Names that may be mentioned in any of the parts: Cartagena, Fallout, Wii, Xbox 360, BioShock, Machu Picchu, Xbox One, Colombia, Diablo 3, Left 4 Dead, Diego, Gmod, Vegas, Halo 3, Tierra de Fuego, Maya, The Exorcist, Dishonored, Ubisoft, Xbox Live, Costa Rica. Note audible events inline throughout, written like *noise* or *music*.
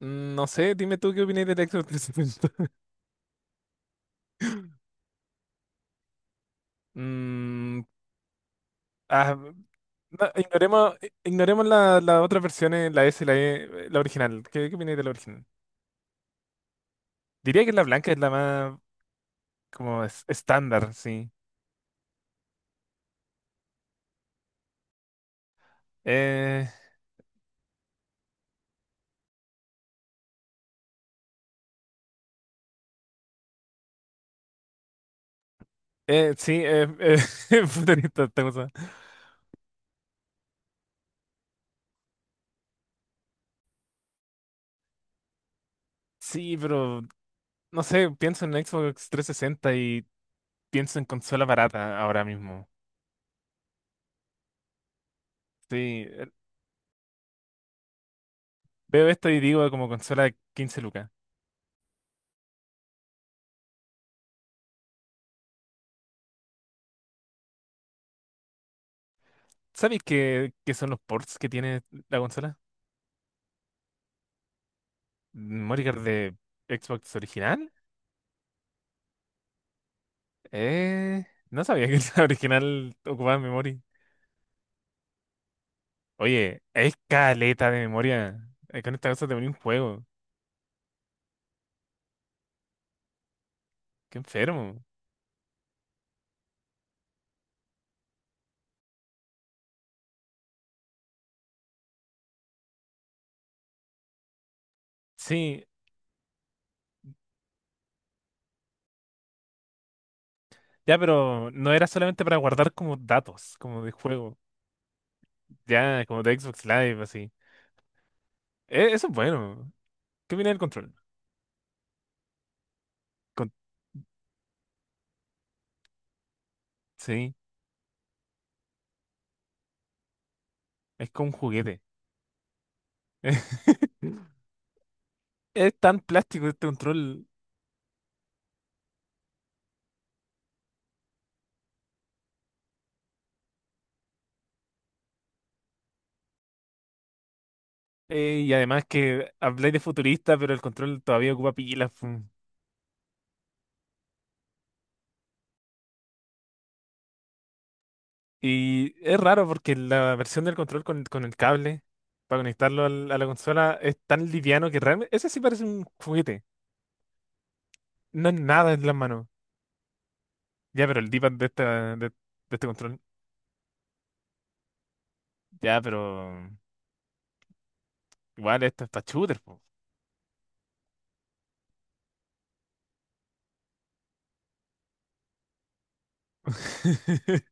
No sé, dime tú qué opinas de The Exorcist. *laughs* Mm, ah, no, ignoremos las otras versiones, la S y la E, la original. ¿Qué opinas de la original? Diría que la blanca es la más como estándar, sí. Eh, sí, *laughs* puta, ni cosa. Sí, pero no sé, pienso en Xbox 360 y pienso en consola barata ahora mismo. Sí, veo esto y digo como consola 15 lucas. ¿Sabéis qué son los ports que tiene la consola? ¿Memory card de Xbox original? No sabía que la *laughs* original ocupaba memoria. Oye, es caleta de memoria. Con esta cosa te venía un juego. Qué enfermo. Sí, ya, pero no era solamente para guardar como datos, como de juego. Ya, como de Xbox Live, así. Eso es bueno. ¿Qué viene del control? Con- sí, es como un juguete. *laughs* Es tan plástico este control. Y además que habláis de futurista, pero el control todavía ocupa pilas. Pu. Y es raro porque la versión del control con el cable para conectarlo a la consola es tan liviano que realmente ese sí parece un juguete. No es nada en las manos. Ya, pero el D-pad de, esta, de, este control. Ya, pero igual esto está shooter. Po. *laughs*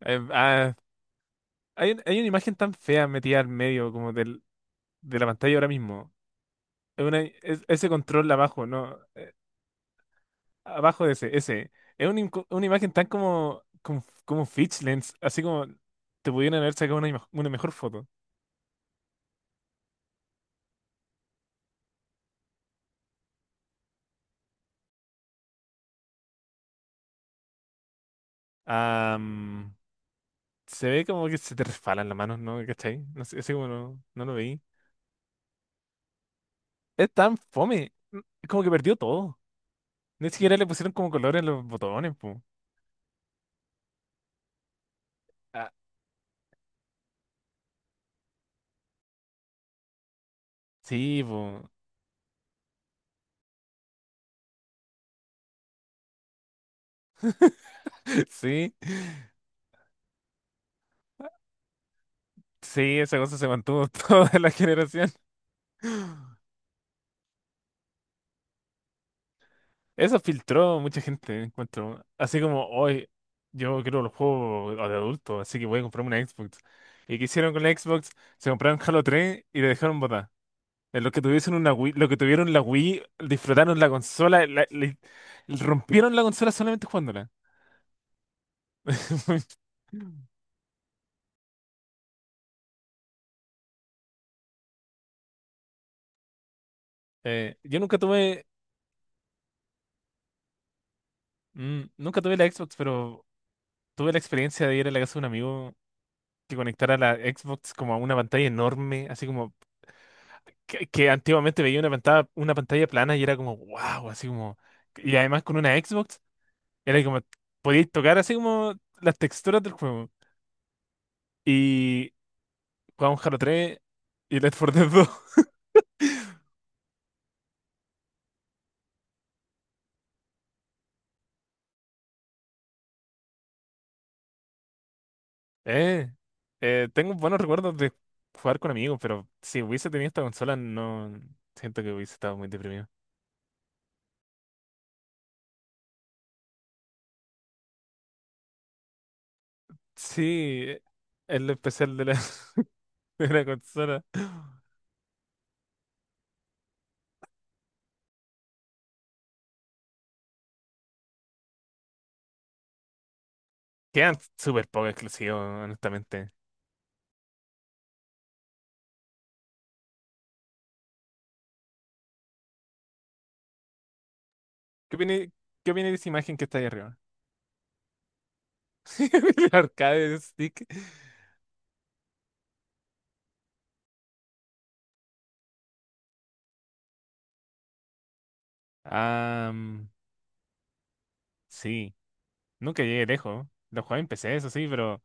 Eh, ah, hay una imagen tan fea metida al medio como de la pantalla ahora mismo. Es ese control abajo, ¿no? Abajo de ese. Es una, una imagen tan como Fitch Lens, así como te pudieran haber sacado una, una mejor foto. Am, Se ve como que se te resbalan las manos, ¿no? ¿Cachai? No sé, así como no, no lo vi. Es tan fome, como que perdió todo. Ni siquiera le pusieron como colores en los botones, po. Ah, sí, po. *laughs* Sí, sí, esa cosa se mantuvo *laughs* toda la generación. Eso filtró mucha gente, encuentro. Así como hoy, yo quiero los juegos de adulto, así que voy a comprarme una Xbox. ¿Y qué hicieron con la Xbox? Se compraron Halo 3 y le dejaron botar. Los que tuviesen una Wii, los que tuvieron la Wii, disfrutaron la consola, rompieron la consola solamente jugándola. *laughs* Yo nunca tuve, mm, nunca tuve la Xbox, pero tuve la experiencia de ir a la casa de un amigo que conectara la Xbox como a una pantalla enorme, así como que antiguamente veía una pantalla plana y era como, wow, así como. Y además con una Xbox, era como, podíais tocar así como las texturas del juego. Y jugamos Halo 3 y Left 4 Dead 2 *laughs* Eh, Tengo buenos recuerdos de jugar con amigos, pero si hubiese tenido esta consola, no siento que hubiese estado muy deprimido. Sí, el especial de la, *laughs* de la consola. Quedan súper poco exclusivos, honestamente. ¿Qué opinas, qué opinas de esa imagen que está ahí arriba? *laughs* El arcade de stick. Ah, sí, nunca llegué lejos. Lo jugué en PC, eso sí, pero...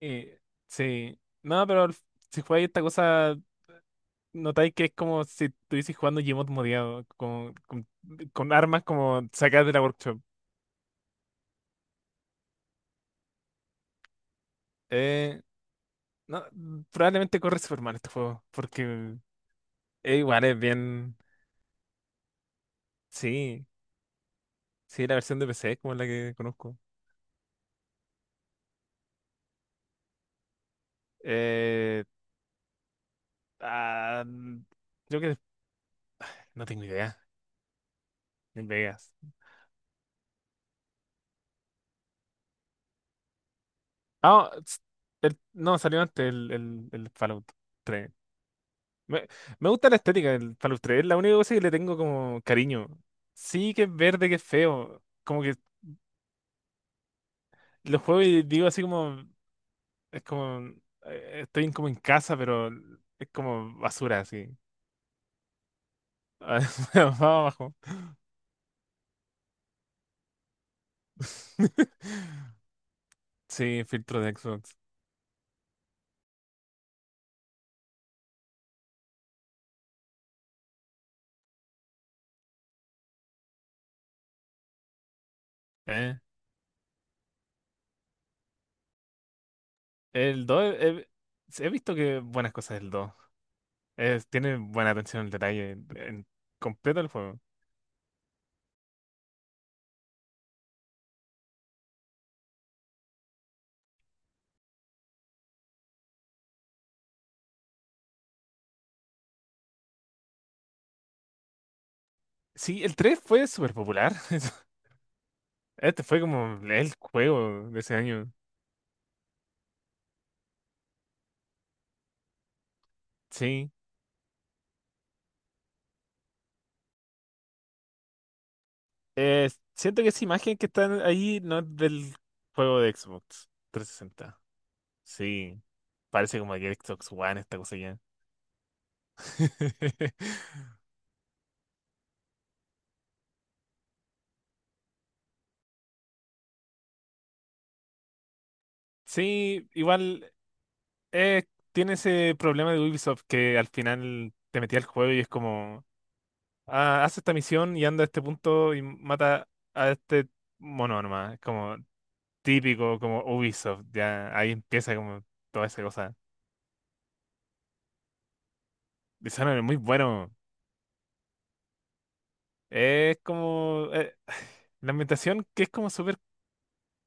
eh, sí, no, pero si jugáis esta cosa, notáis que es como si estuvieses jugando Gmod modiado, con armas como sacadas de la workshop. Eh, no, probablemente corre super mal este juego, porque es igual, es bien... Sí, sí, la versión de PC es como la que conozco. Eh, ah, Creo que... No tengo idea. En Vegas. Ah, no, salió antes el Fallout 3. Me, me gusta la estética del Fallout 3. Es la única cosa que le tengo como cariño. Sí que es verde, que es feo. Como que lo juego y digo así como, es como, estoy como en casa, pero es como basura así. *laughs* Va abajo. *laughs* Sí, filtro de Xbox. Eh, El 2 he visto que buenas cosas del 2. Tiene buena atención al detalle en completo el juego. Sí, el 3 fue súper popular. *laughs* Este fue como el juego de ese año. Sí. Eh, Siento que esa imagen que está ahí no es del juego de Xbox 360. Sí. Parece como que Xbox One esta cosa ya. *laughs* Sí, igual eh, tiene ese problema de Ubisoft que al final te metía al juego y es como, haz esta misión y anda a este punto y mata a este mono nomás. Es como, típico como Ubisoft, ya ahí empieza como toda esa cosa. Dishonored es muy bueno. Es como *sighs* la ambientación que es como súper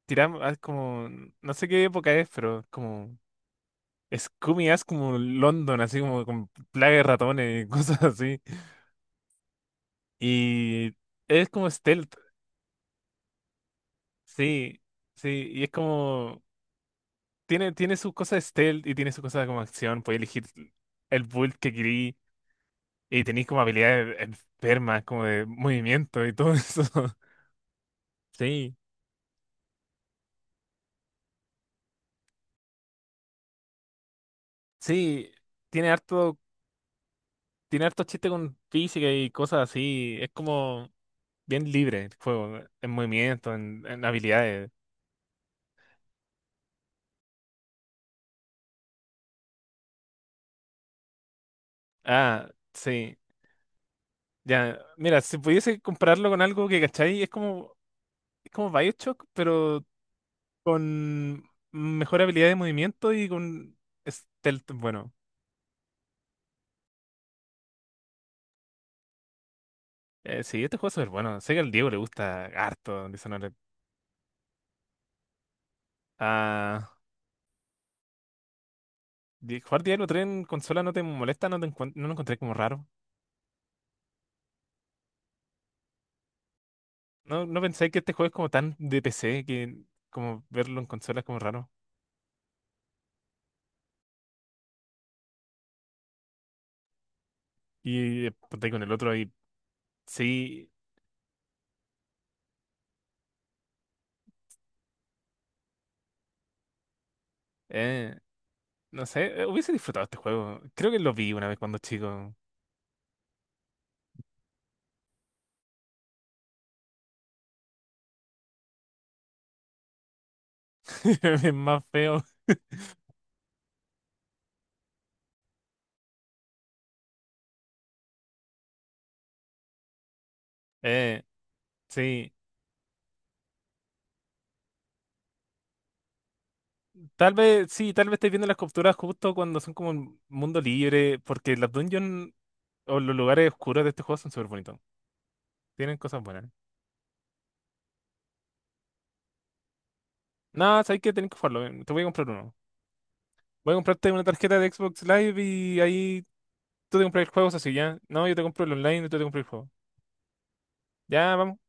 tirada, como no sé qué época es, pero es como Scooby es como London, así como con plaga de ratones y *laughs* cosas así. Y es como stealth, sí, sí, y es como tiene sus cosas stealth y tiene sus cosas como acción, puedes elegir el build que querís. Y tenéis como habilidades enfermas, como de movimiento y todo eso. *laughs* Sí, sí, tiene harto, tiene harto chiste con física y cosas así. Es como bien libre el juego, en movimiento, en habilidades. Ah, sí. Ya, mira, si pudiese compararlo con algo que, ¿cachai? es como, BioShock, pero con mejor habilidad de movimiento y con stealth. Bueno, sí, este juego es súper bueno. Sé que al Diego le gusta harto Dishonored. Ah. Jugar Diablo 3 en consola no te molesta, no te no lo encontré como raro. No, no pensé que este juego es como tan de PC que como verlo en consola es como raro. Y ponte con el otro y sí, eh, no sé, hubiese disfrutado este juego. Creo que lo vi una vez cuando chico. *laughs* Es más feo. Eh, sí. Tal vez, sí, tal vez estés viendo las capturas justo cuando son como un mundo libre, porque las dungeons o los lugares oscuros de este juego son súper bonitos. Tienen cosas buenas. No, sabes que tenés que jugarlo. Te voy a comprar uno. Voy a comprarte una tarjeta de Xbox Live y ahí tú te compras el juego, así ya. No, yo te compro el online y tú te compras el juego. Ya, vamos.